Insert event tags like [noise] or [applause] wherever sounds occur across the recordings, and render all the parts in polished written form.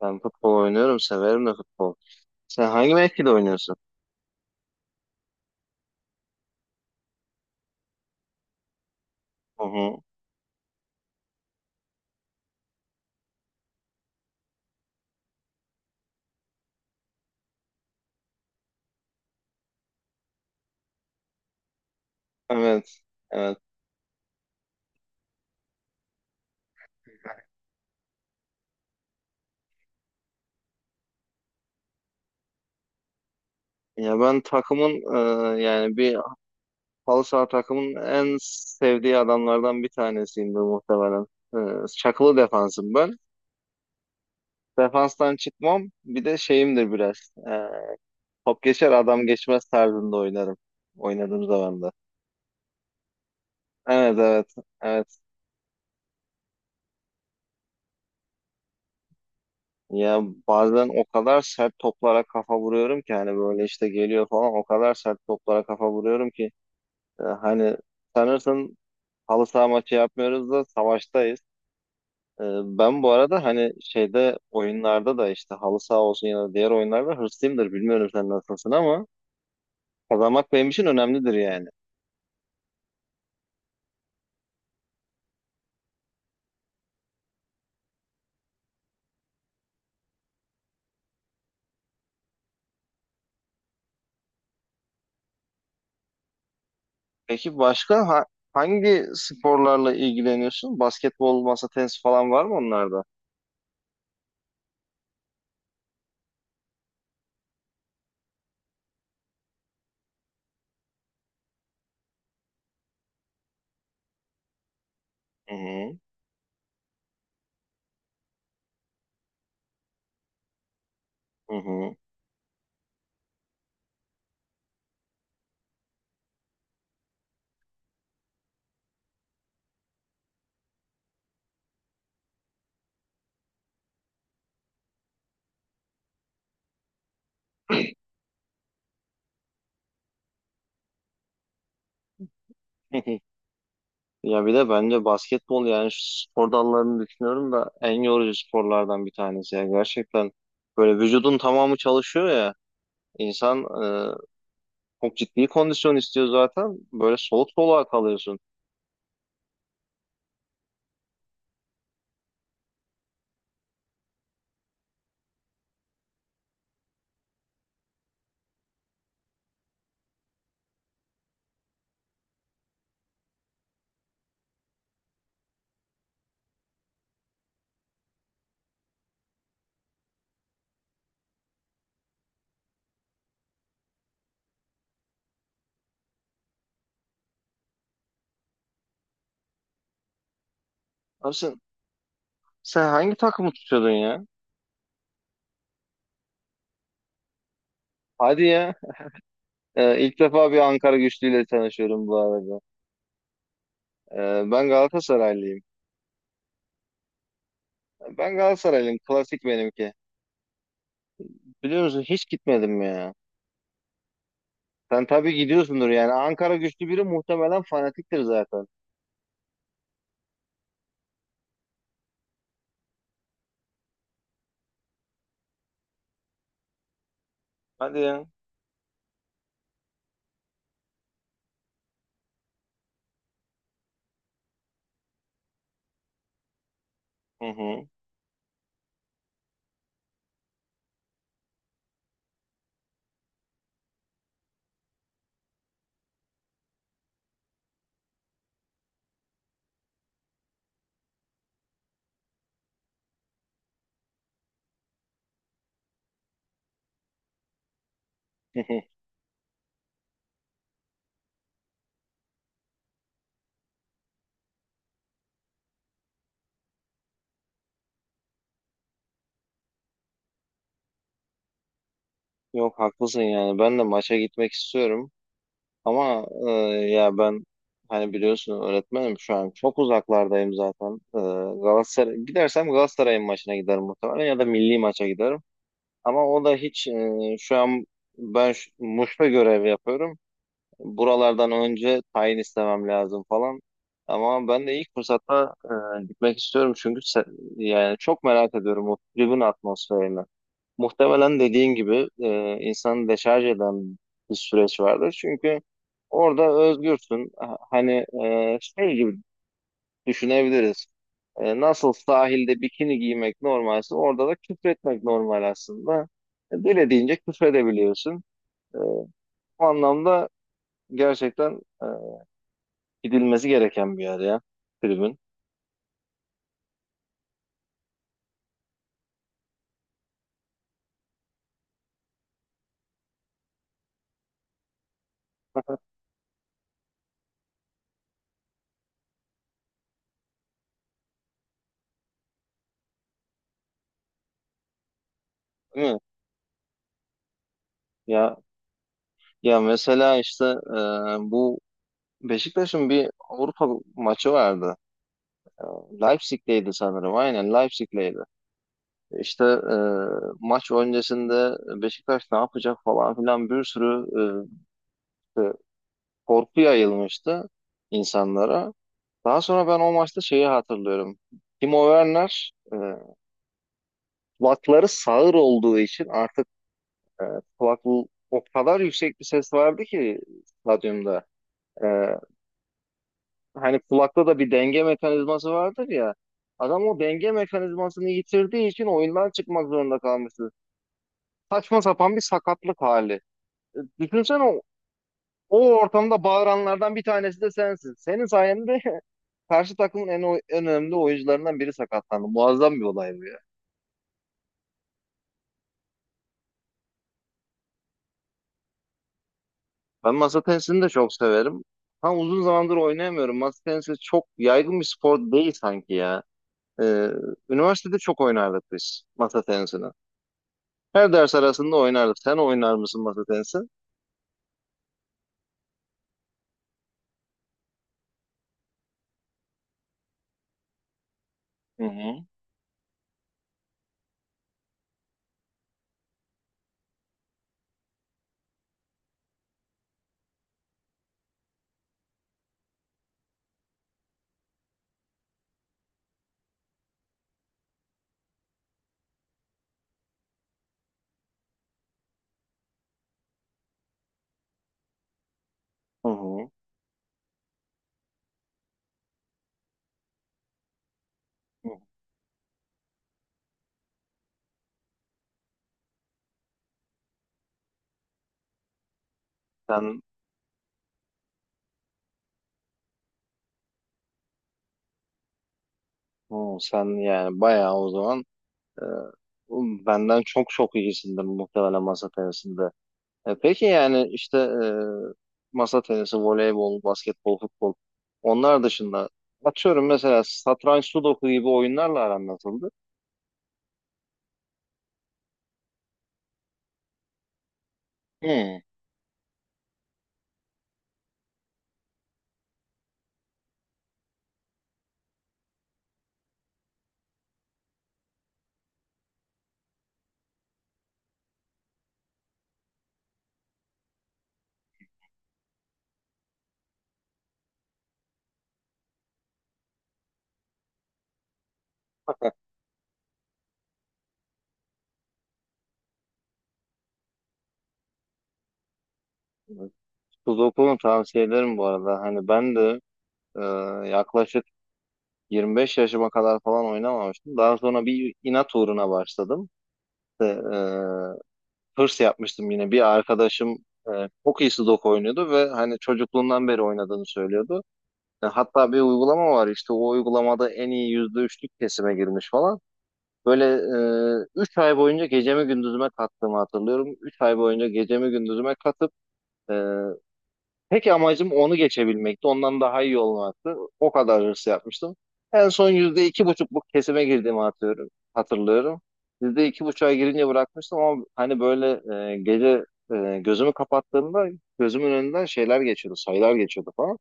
Ben futbol oynuyorum, severim de futbol. Sen hangi mevkide oynuyorsun? Hı hı. Evet, evet. Ya ben takımın yani bir halı saha takımın en sevdiği adamlardan bir tanesiyimdir muhtemelen. Çakılı defansım ben. Defanstan çıkmam. Bir de şeyimdir biraz. E, Top geçer adam geçmez tarzında oynarım. Oynadığım zaman da. Evet evet evet. Ya bazen o kadar sert toplara kafa vuruyorum ki hani böyle işte geliyor falan o kadar sert toplara kafa vuruyorum ki hani sanırsın halı saha maçı yapmıyoruz da savaştayız. Ee, Ben bu arada hani şeyde oyunlarda da işte halı saha olsun ya da diğer oyunlarda hırslıyımdır. Bilmiyorum sen nasılsın ama kazanmak benim için önemlidir yani. Peki hangi sporlarla ilgileniyorsun? Basketbol, masa tenisi falan var mı onlarda? Hı hı. Hı hı. [laughs] Ya bir de bence basketbol, yani şu spor dallarını düşünüyorum da en yorucu sporlardan bir tanesi. Ya gerçekten böyle vücudun tamamı çalışıyor ya. İnsan çok ciddi kondisyon istiyor zaten. Böyle soluk soluğa kalıyorsun. Abi sen hangi takımı tutuyordun ya? Hadi ya. İlk defa bir Ankara güçlüyle tanışıyorum bu arada. Ben Galatasaraylıyım. Ben Galatasaraylıyım. Klasik benimki. Biliyor musun hiç gitmedim ya. Sen tabii gidiyorsundur yani. Ankara güçlü biri muhtemelen fanatiktir zaten. Hadi ya. Hı hı. [laughs] Yok haklısın yani. Ben de maça gitmek istiyorum. Ama ben hani biliyorsun öğretmenim şu an çok uzaklardayım zaten. Galatasaray gidersem Galatasaray'ın maçına giderim muhtemelen ya da milli maça giderim. Ama o da hiç şu an Muş'ta görev yapıyorum. Buralardan önce tayin istemem lazım falan. Ama ben de ilk fırsatta gitmek istiyorum yani çok merak ediyorum o tribün atmosferini. Muhtemelen dediğin gibi insanı deşarj eden bir süreç vardır. Çünkü orada özgürsün. Hani şey gibi düşünebiliriz. Nasıl sahilde bikini giymek normalse orada da küfretmek normal aslında. Dilediğince küfredebiliyorsun. E, O anlamda gerçekten gidilmesi gereken bir yer ya tribün. Değil mi? Ya, ya mesela işte bu Beşiktaş'ın bir Avrupa maçı vardı. Leipzig'teydi sanırım. Aynen Leipzig'teydi. İşte maç öncesinde Beşiktaş ne yapacak falan filan bir sürü e, e, korku yayılmıştı insanlara. Daha sonra ben o maçta şeyi hatırlıyorum. Timo Werner kulakları sağır olduğu için artık e, kulak o kadar yüksek bir ses vardı ki stadyumda. E, Hani kulakta da bir denge mekanizması vardır ya. Adam o denge mekanizmasını yitirdiği için oyundan çıkmak zorunda kalmıştı. Saçma sapan bir sakatlık hali. Düşünsene o ortamda bağıranlardan bir tanesi de sensin. Senin sayende [laughs] karşı takımın en önemli oyuncularından biri sakatlandı. Muazzam bir olay bu ya. Ben masa tenisini de çok severim. Tam uzun zamandır oynayamıyorum. Masa tenisi çok yaygın bir spor değil sanki ya. E, Üniversitede çok oynardık biz masa tenisini. Her ders arasında oynardık. Sen oynar mısın masa tenisi? Hı hı. Hı hı. Hı. Sen, hı, sen yani bayağı o zaman Ee, benden çok çok iyisindir muhtemelen masa tenisinde. Peki yani işte masa tenisi, voleybol, basketbol, futbol onlar dışında atıyorum mesela satranç, sudoku gibi oyunlarla aran nasıldı? Hmm. [laughs] Sudoku'nun tavsiye ederim bu arada. Hani ben de e, yaklaşık 25 yaşıma kadar falan oynamamıştım. Daha sonra bir inat uğruna başladım. İşte, hırs yapmıştım yine. Bir arkadaşım e, çok iyi Sudoku oynuyordu ve hani çocukluğundan beri oynadığını söylüyordu. Hatta bir uygulama var, işte o uygulamada en iyi %3'lük kesime girmiş falan. Böyle 3 ay boyunca gecemi gündüzüme kattığımı hatırlıyorum. 3 ay boyunca gecemi gündüzüme katıp e, tek amacım onu geçebilmekti. Ondan daha iyi olmaktı. O kadar hırs yapmıştım. En son %2,5'luk kesime girdiğimi hatırlıyorum. Hatırlıyorum. %2,5'a girince bırakmıştım ama hani böyle gece gözümü kapattığımda gözümün önünden şeyler geçiyordu, sayılar geçiyordu falan.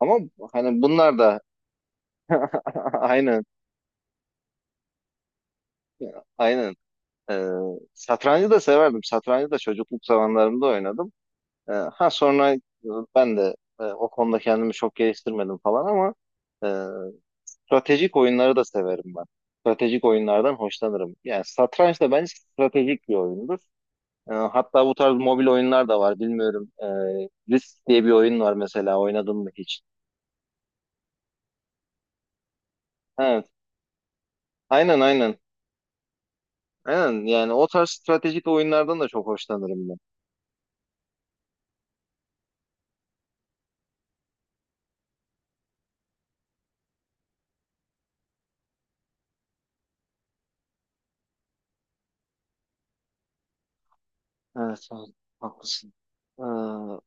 Ama hani bunlar da [laughs] aynen aynen. E, Satrancı da severdim. Satrancı da çocukluk zamanlarımda oynadım. Sonra ben de o konuda kendimi çok geliştirmedim falan ama e, stratejik oyunları da severim ben. Stratejik oyunlardan hoşlanırım. Yani satranç da bence stratejik bir oyundur. Hatta bu tarz mobil oyunlar da var. Bilmiyorum. Risk diye bir oyun var mesela. Oynadın mı hiç? Evet. Aynen aynen. Aynen. Yani o tarz stratejik oyunlardan da çok hoşlanırım ben. Evet, evet. Haklısın. Ee,